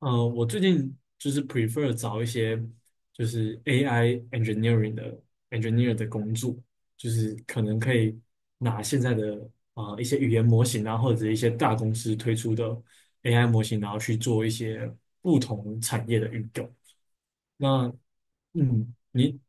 我最近就是 prefer 找一些就是 AI engineer 的工作，就是可能可以拿现在的一些语言模型啊，或者一些大公司推出的 AI 模型，然后去做一些不同产业的运用。那嗯，你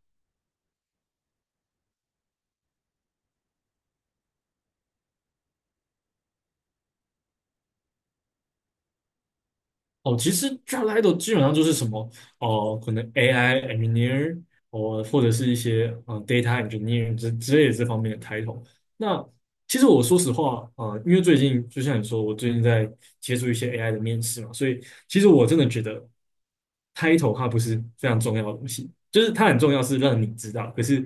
哦，其实 基本上就是什么，哦、可能 AI engineer，哦，或者是一些data engineer 之类的这方面的 title。那其实我说实话，因为最近就像你说，我最近在接触一些 AI 的面试嘛，所以其实我真的觉得 title 它不是非常重要的东西，就是它很重要是让你知道，可是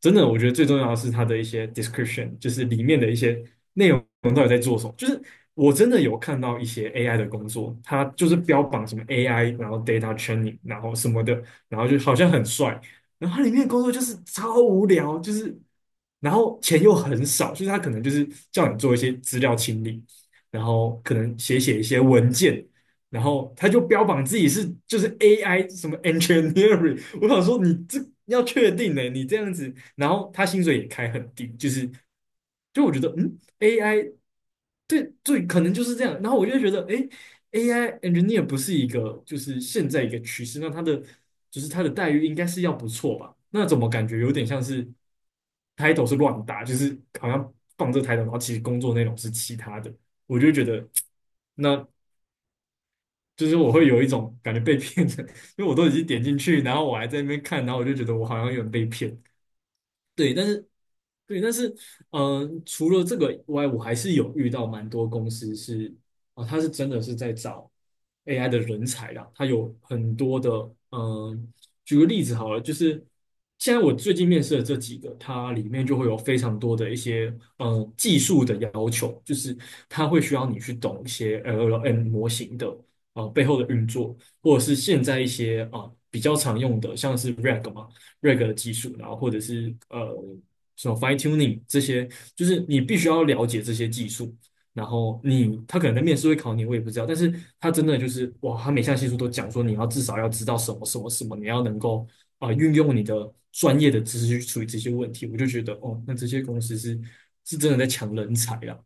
真的我觉得最重要的是它的一些 description，就是里面的一些内容。我们到底在做什么？就是我真的有看到一些 AI 的工作，它就是标榜什么 AI，然后 data training，然后什么的，然后就好像很帅，然后它里面的工作就是超无聊，就是然后钱又很少，就是它可能就是叫你做一些资料清理，然后可能写写一些文件，然后他就标榜自己是就是 AI 什么 engineering，我想说你这要确定呢、你这样子，然后他薪水也开很低，就是就我觉得嗯，AI 对对，可能就是这样，然后我就觉得哎 a i engineer 不是一个就是现在一个趋势，那他的待遇应该是要不错吧？那怎么感觉有点像是 title 是乱打，就是好像放这 title，然后其实工作内容是其他的。我就觉得，那就是我会有一种感觉被骗的，因为我都已经点进去，然后我还在那边看，然后我就觉得我好像有点被骗。对，但是对，但是除了这个以外，我还是有遇到蛮多公司是它是真的是在找 AI 的人才啦，它有很多的嗯、呃举个例子好了，就是现在我最近面试的这几个，它里面就会有非常多的一些技术的要求，就是它会需要你去懂一些 LLM 模型的背后的运作，或者是现在一些比较常用的像是 RAG 嘛。瑞格的技术，然后或者是什么 fine tuning 这些，就是你必须要了解这些技术。然后他可能在面试会考你，我也不知道，但是他真的就是哇，他每项技术都讲说你至少要知道什么什么什么，你要能够运用你的专业的知识去处理这些问题，我就觉得哦，那这些公司是真的在抢人才啦。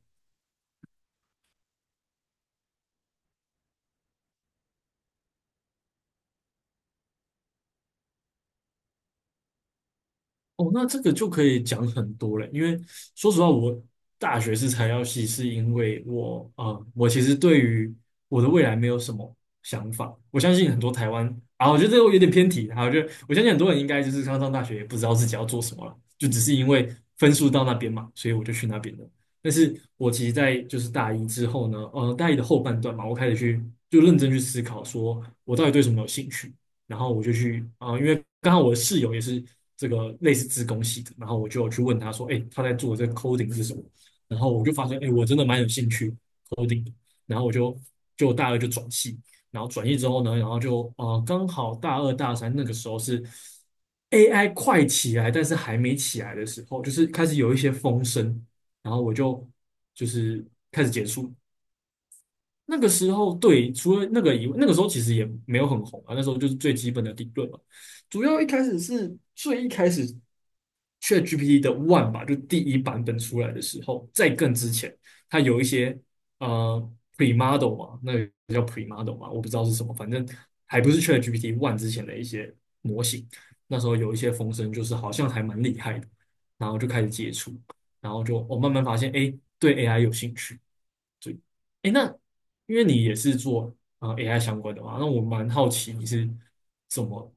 哦，那这个就可以讲很多了，因为说实话，我大学是材料系，是因为我其实对于我的未来没有什么想法。我相信很多台湾啊，我觉得这个有点偏题，啊，我觉得我相信很多人应该就是刚上大学也不知道自己要做什么了，就只是因为分数到那边嘛，所以我就去那边了。但是我其实，在就是大一之后呢，大一的后半段嘛，我开始去就认真去思考，说我到底对什么有兴趣。然后我就去因为刚好我的室友也是这个类似自工系的，然后我就去问他说，哎、欸他在做的这个 coding 是什么？然后我就发现，哎、欸我真的蛮有兴趣 coding 的然后我就大二就转系，然后转系之后呢，然后就刚好大二大三那个时候是 AI 快起来，但是还没起来的时候，就是开始有一些风声，然后我就是开始接触，那个时候，对，除了那个以外，那个时候其实也没有很红啊。那时候就是最基本的理论嘛。主要一开始是最一开始，ChatGPT 的 One 吧，就第一版本出来的时候，在更之前，它有一些呃 Premodel 嘛，那个叫 Premodel 嘛，我不知道是什么，反正还不是 ChatGPT One 之前的一些模型。那时候有一些风声，就是好像还蛮厉害的，然后就开始接触，然后就慢慢发现，哎，对 AI 有兴趣。对，哎，那因为你也是做AI 相关的嘛，那我蛮好奇你是怎么，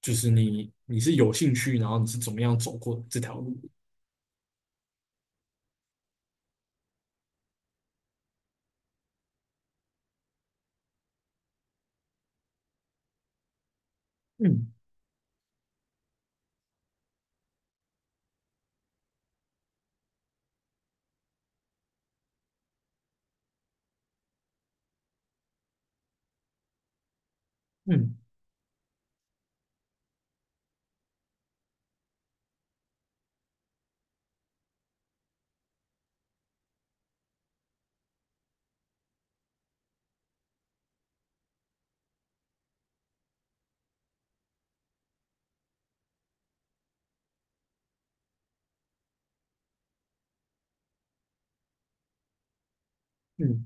就是你是有兴趣，然后你是怎么样走过这条路的？嗯嗯嗯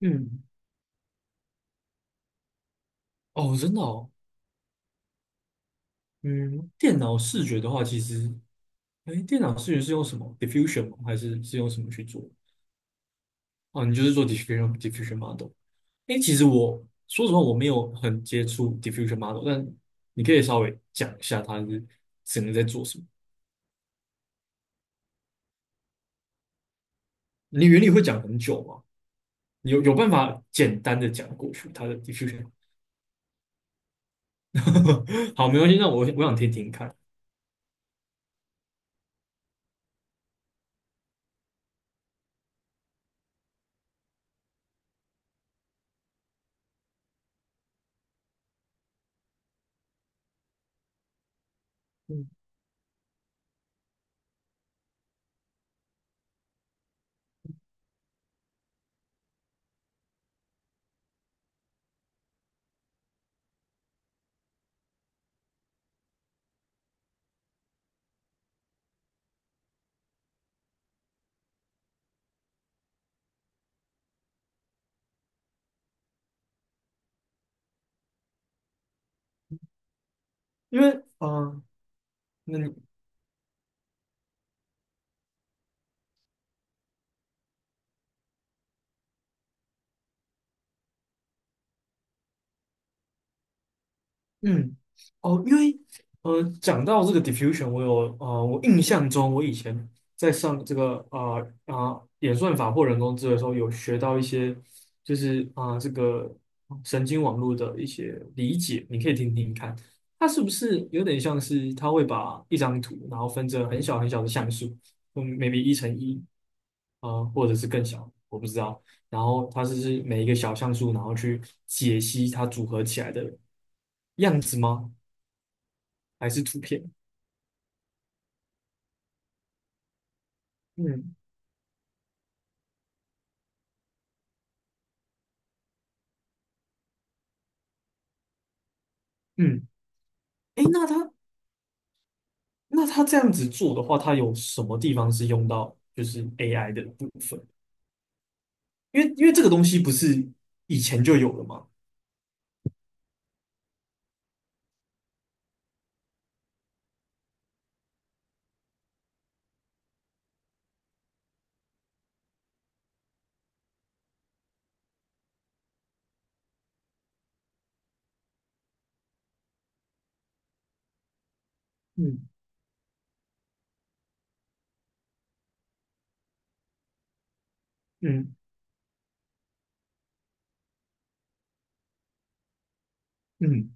嗯，哦，真的哦，嗯，电脑视觉的话，其实，哎，电脑视觉是用什么 diffusion 吗？还是用什么去做？哦，你就是做 diffusion model。哎，其实我说实话，我没有很接触 diffusion model，但你可以稍微讲一下它是整个在做什么。你原理会讲很久吗？你有办法简单的讲过去它的 diffusion？好，没关系，那我想听听看。嗯，因为啊，呃那你嗯，哦，因为讲到这个 diffusion，我有我印象中我以前在上这个演算法或人工智能的时候，有学到一些就是这个神经网络的一些理解，你可以听听看，它是不是有点像是它会把一张图，然后分成很小很小的像素，嗯，maybe 一乘一，或者是更小，我不知道。然后它是每一个小像素，然后去解析它组合起来的样子吗？还是图片？嗯嗯，诶，那他这样子做的话，他有什么地方是用到就是 AI 的部分？因为这个东西不是以前就有了吗？嗯嗯嗯，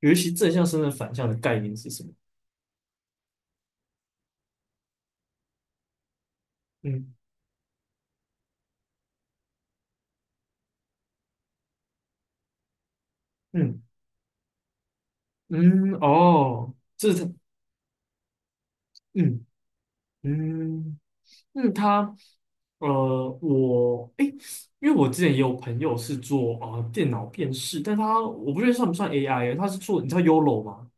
尤其正向身份反向的概念是什么？嗯嗯嗯，哦，这是嗯嗯嗯，他呃，我哎诶。因为我之前也有朋友是做电脑辨识，但他我不确定算不算 AI，他是做你知道 YOLO 吗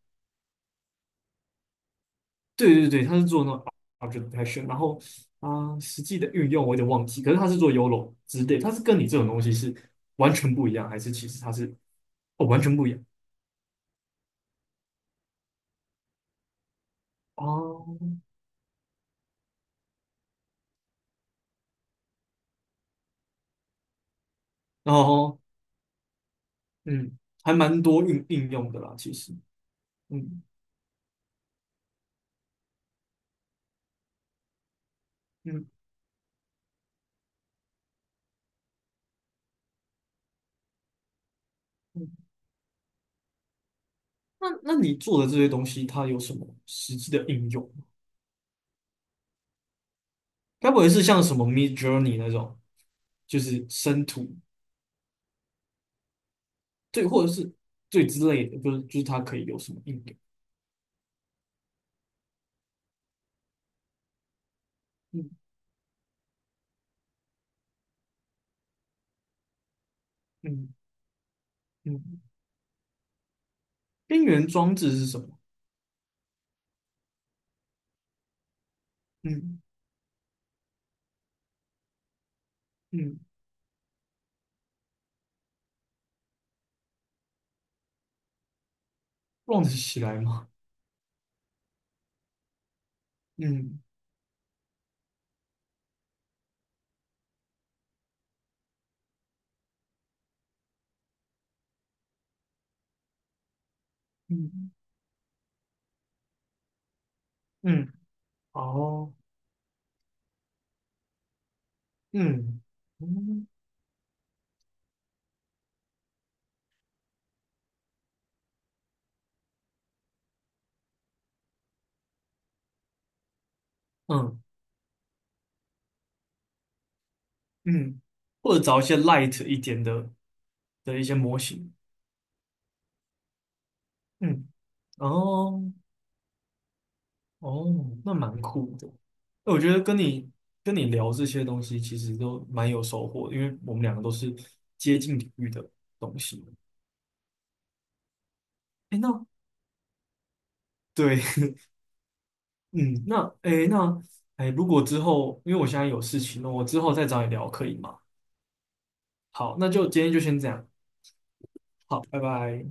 对对对，他是做那种 object detection，然后实际的运用我有点忘记，可是他是做 YOLO 之类，他是跟你这种东西是完全不一样，还是其实他是哦完全不一样哦，然后嗯，还蛮多应用的啦，其实嗯嗯嗯，那你做的这些东西，它有什么实际的应用吗？该不会是像什么 Mid Journey 那种，就是生图对，或者是对之类的，就是它可以有什么应用？嗯嗯嗯边缘装置是什么？嗯嗯，忘得起来吗？嗯嗯嗯，哦，嗯嗯嗯嗯，或者找一些 light 一点的一些模型。嗯，哦哦，那蛮酷的。哎我觉得跟你聊这些东西，其实都蛮有收获的因为我们两个都是接近领域的东西。哎，那对，嗯，那哎那哎，诶如果之后，因为我现在有事情了，我之后再找你聊可以吗？好，那就今天就先这样，好，拜拜。